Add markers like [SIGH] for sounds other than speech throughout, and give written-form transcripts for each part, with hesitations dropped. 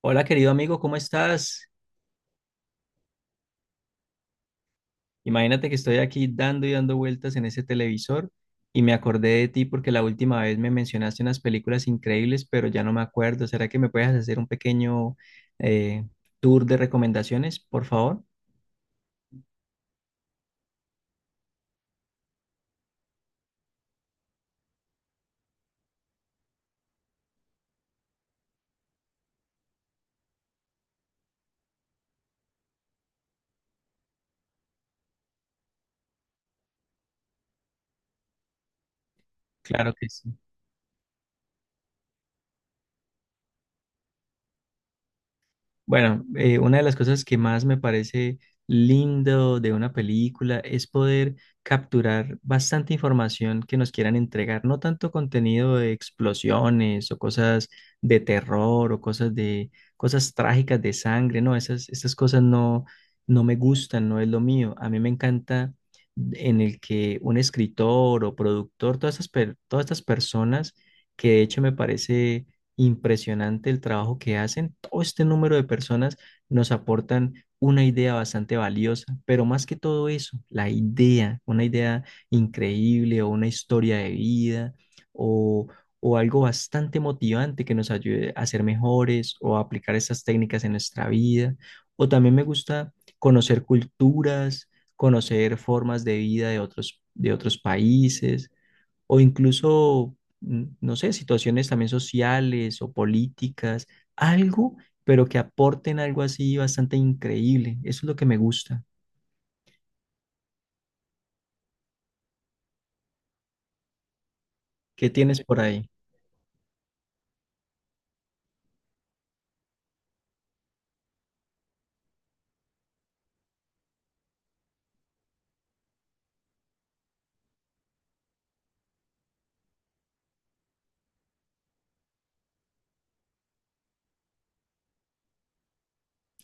Hola, querido amigo, ¿cómo estás? Imagínate que estoy aquí dando y dando vueltas en ese televisor y me acordé de ti porque la última vez me mencionaste unas películas increíbles, pero ya no me acuerdo. ¿Será que me puedes hacer un pequeño eh, tour de recomendaciones, por favor? Claro que sí. Bueno, una de las cosas que más me parece lindo de una película es poder capturar bastante información que nos quieran entregar, no tanto contenido de explosiones o cosas de terror o cosas de cosas trágicas de sangre, no, esas cosas no, no me gustan, no es lo mío. A mí me encanta en el que un escritor o productor, todas estas, todas estas personas que de hecho me parece impresionante el trabajo que hacen. Todo este número de personas nos aportan una idea bastante valiosa, pero más que todo eso, la idea, una idea increíble o una historia de vida o, o algo bastante motivante que nos ayude a ser mejores o a aplicar esas técnicas en nuestra vida. O también me gusta conocer culturas, conocer formas de vida de otros países o incluso, no sé, situaciones también sociales o políticas, algo, pero que aporten algo así bastante increíble. Eso es lo que me gusta. ¿Qué tienes por ahí?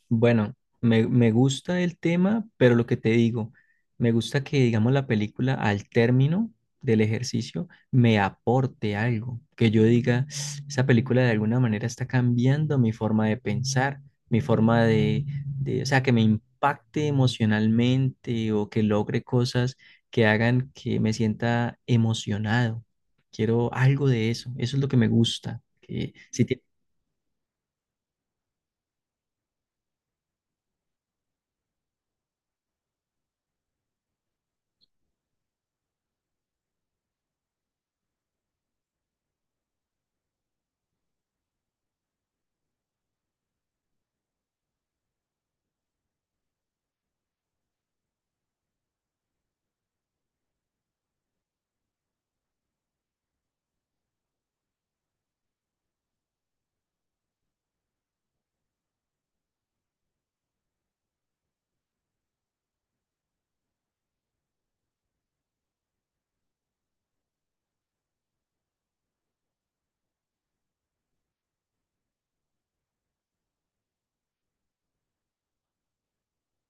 Bueno, me gusta el tema, pero lo que te digo, me gusta que, digamos, la película al término del ejercicio me aporte algo, que yo diga, [SNIFFS] esa película de alguna manera está cambiando mi forma de pensar, mi forma o sea, que me impacte emocionalmente o que logre cosas que hagan que me sienta emocionado. Quiero algo de eso, eso es lo que me gusta, que si...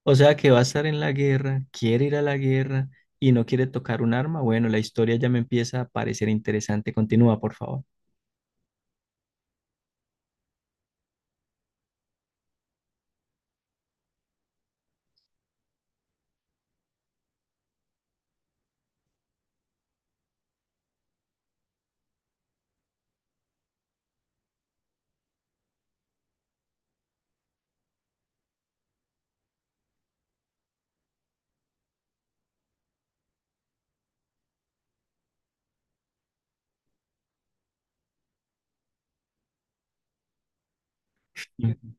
O sea, que va a estar en la guerra, quiere ir a la guerra y no quiere tocar un arma. Bueno, la historia ya me empieza a parecer interesante. Continúa, por favor. Mm.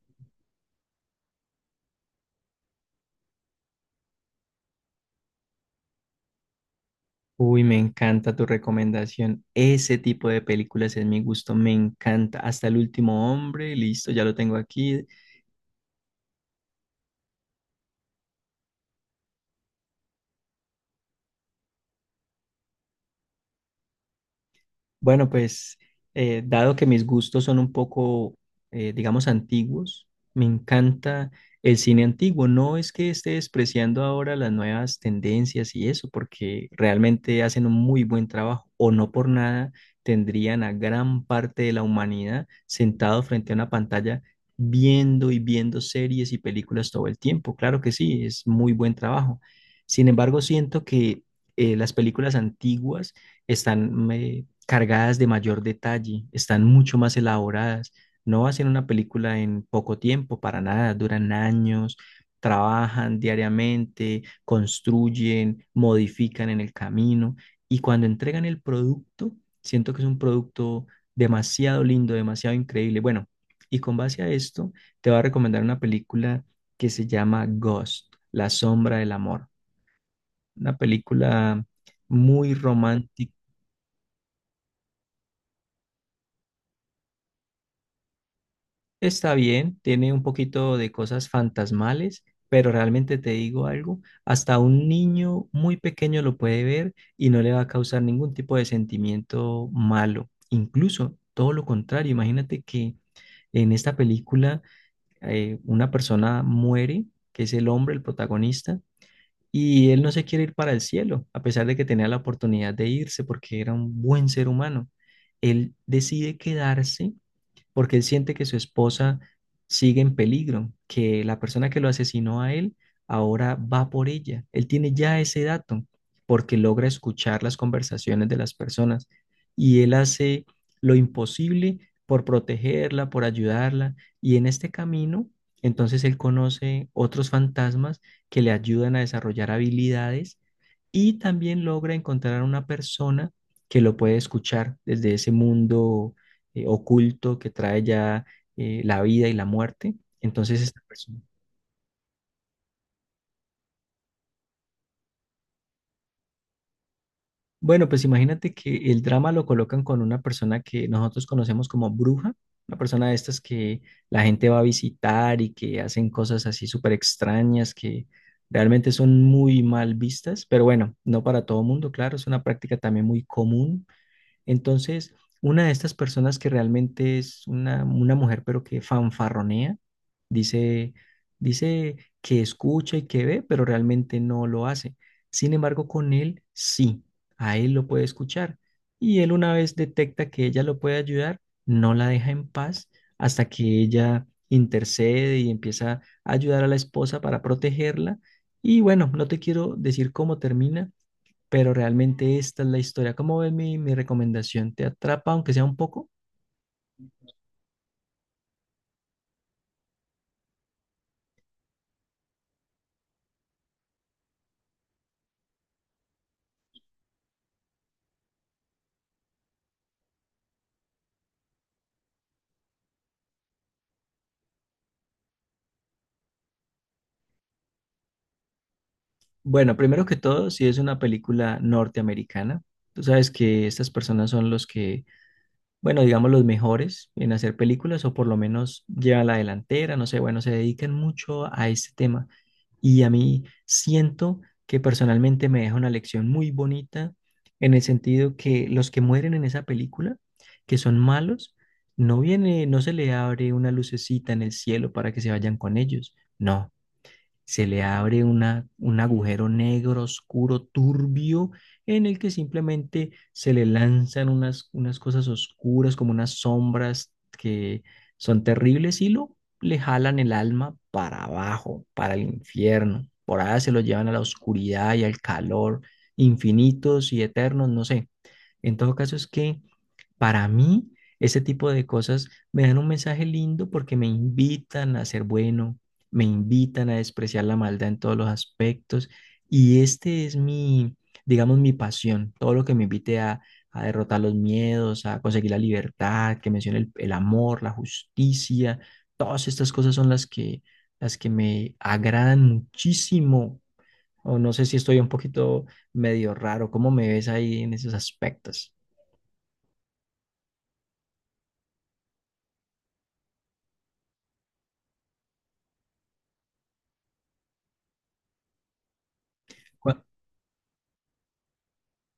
Uy, me encanta tu recomendación. Ese tipo de películas es mi gusto, me encanta. Hasta el último hombre, listo, ya lo tengo aquí. Bueno, pues dado que mis gustos son un poco, digamos, antiguos, me encanta el cine antiguo. No es que esté despreciando ahora las nuevas tendencias y eso, porque realmente hacen un muy buen trabajo o no por nada tendrían a gran parte de la humanidad sentado frente a una pantalla viendo y viendo series y películas todo el tiempo. Claro que sí, es muy buen trabajo. Sin embargo, siento que las películas antiguas están cargadas de mayor detalle, están mucho más elaboradas. No hacen una película en poco tiempo, para nada, duran años, trabajan diariamente, construyen, modifican en el camino y cuando entregan el producto, siento que es un producto demasiado lindo, demasiado increíble. Bueno, y con base a esto, te voy a recomendar una película que se llama Ghost, la sombra del amor, una película muy romántica. Está bien, tiene un poquito de cosas fantasmales, pero realmente te digo algo, hasta un niño muy pequeño lo puede ver y no le va a causar ningún tipo de sentimiento malo. Incluso todo lo contrario, imagínate que en esta película una persona muere, que es el hombre, el protagonista, y él no se quiere ir para el cielo, a pesar de que tenía la oportunidad de irse porque era un buen ser humano. Él decide quedarse porque él siente que su esposa sigue en peligro, que la persona que lo asesinó a él ahora va por ella. Él tiene ya ese dato porque logra escuchar las conversaciones de las personas y él hace lo imposible por protegerla, por ayudarla y en este camino, entonces él conoce otros fantasmas que le ayudan a desarrollar habilidades y también logra encontrar a una persona que lo puede escuchar desde ese mundo oculto que trae ya la vida y la muerte. Entonces, esta persona... Bueno, pues imagínate que el drama lo colocan con una persona que nosotros conocemos como bruja, una persona de estas que la gente va a visitar y que hacen cosas así súper extrañas que realmente son muy mal vistas, pero bueno, no para todo mundo, claro, es una práctica también muy común. Entonces, una de estas personas que realmente es una mujer, pero que fanfarronea, dice, dice que escucha y que ve, pero realmente no lo hace. Sin embargo, con él sí, a él lo puede escuchar. Y él una vez detecta que ella lo puede ayudar, no la deja en paz hasta que ella intercede y empieza a ayudar a la esposa para protegerla. Y bueno, no te quiero decir cómo termina, pero realmente esta es la historia. ¿Cómo ves mi recomendación? ¿Te atrapa, aunque sea un poco? Bueno, primero que todo, si es una película norteamericana, tú sabes que estas personas son los que, bueno, digamos, los mejores en hacer películas o por lo menos llevan la delantera, no sé, bueno, se dedican mucho a este tema. Y a mí siento que personalmente me deja una lección muy bonita en el sentido que los que mueren en esa película, que son malos, no viene, no se le abre una lucecita en el cielo para que se vayan con ellos. No, se le abre una, un agujero negro, oscuro, turbio, en el que simplemente se le lanzan unas, unas cosas oscuras, como unas sombras que son terribles y lo le jalan el alma para abajo, para el infierno. Por allá se lo llevan a la oscuridad y al calor infinitos y eternos, no sé. En todo caso es que para mí, ese tipo de cosas me dan un mensaje lindo porque me invitan a ser bueno, me invitan a despreciar la maldad en todos los aspectos y este es mi, digamos, mi pasión, todo lo que me invite a derrotar los miedos, a conseguir la libertad, que mencione el amor, la justicia, todas estas cosas son las que me agradan muchísimo. O no sé si estoy un poquito medio raro, ¿cómo me ves ahí en esos aspectos?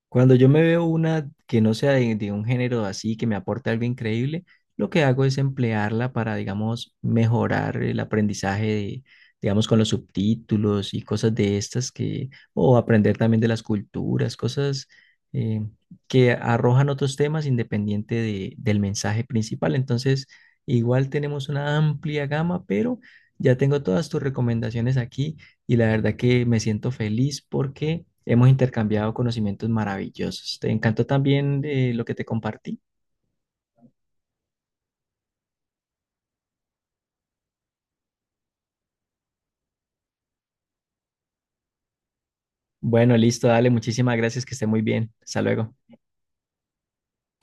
Cuando yo me veo una que no sea de un género así, que me aporte algo increíble, lo que hago es emplearla para, digamos, mejorar el aprendizaje de, digamos, con los subtítulos y cosas de estas que, o aprender también de las culturas, cosas eh, que arrojan otros temas independiente del mensaje principal. Entonces, igual tenemos una amplia gama, pero ya tengo todas tus recomendaciones aquí y la verdad que me siento feliz porque hemos intercambiado conocimientos maravillosos. ¿Te encantó también lo que te compartí? Bueno, listo, dale, muchísimas gracias, que esté muy bien. Hasta luego.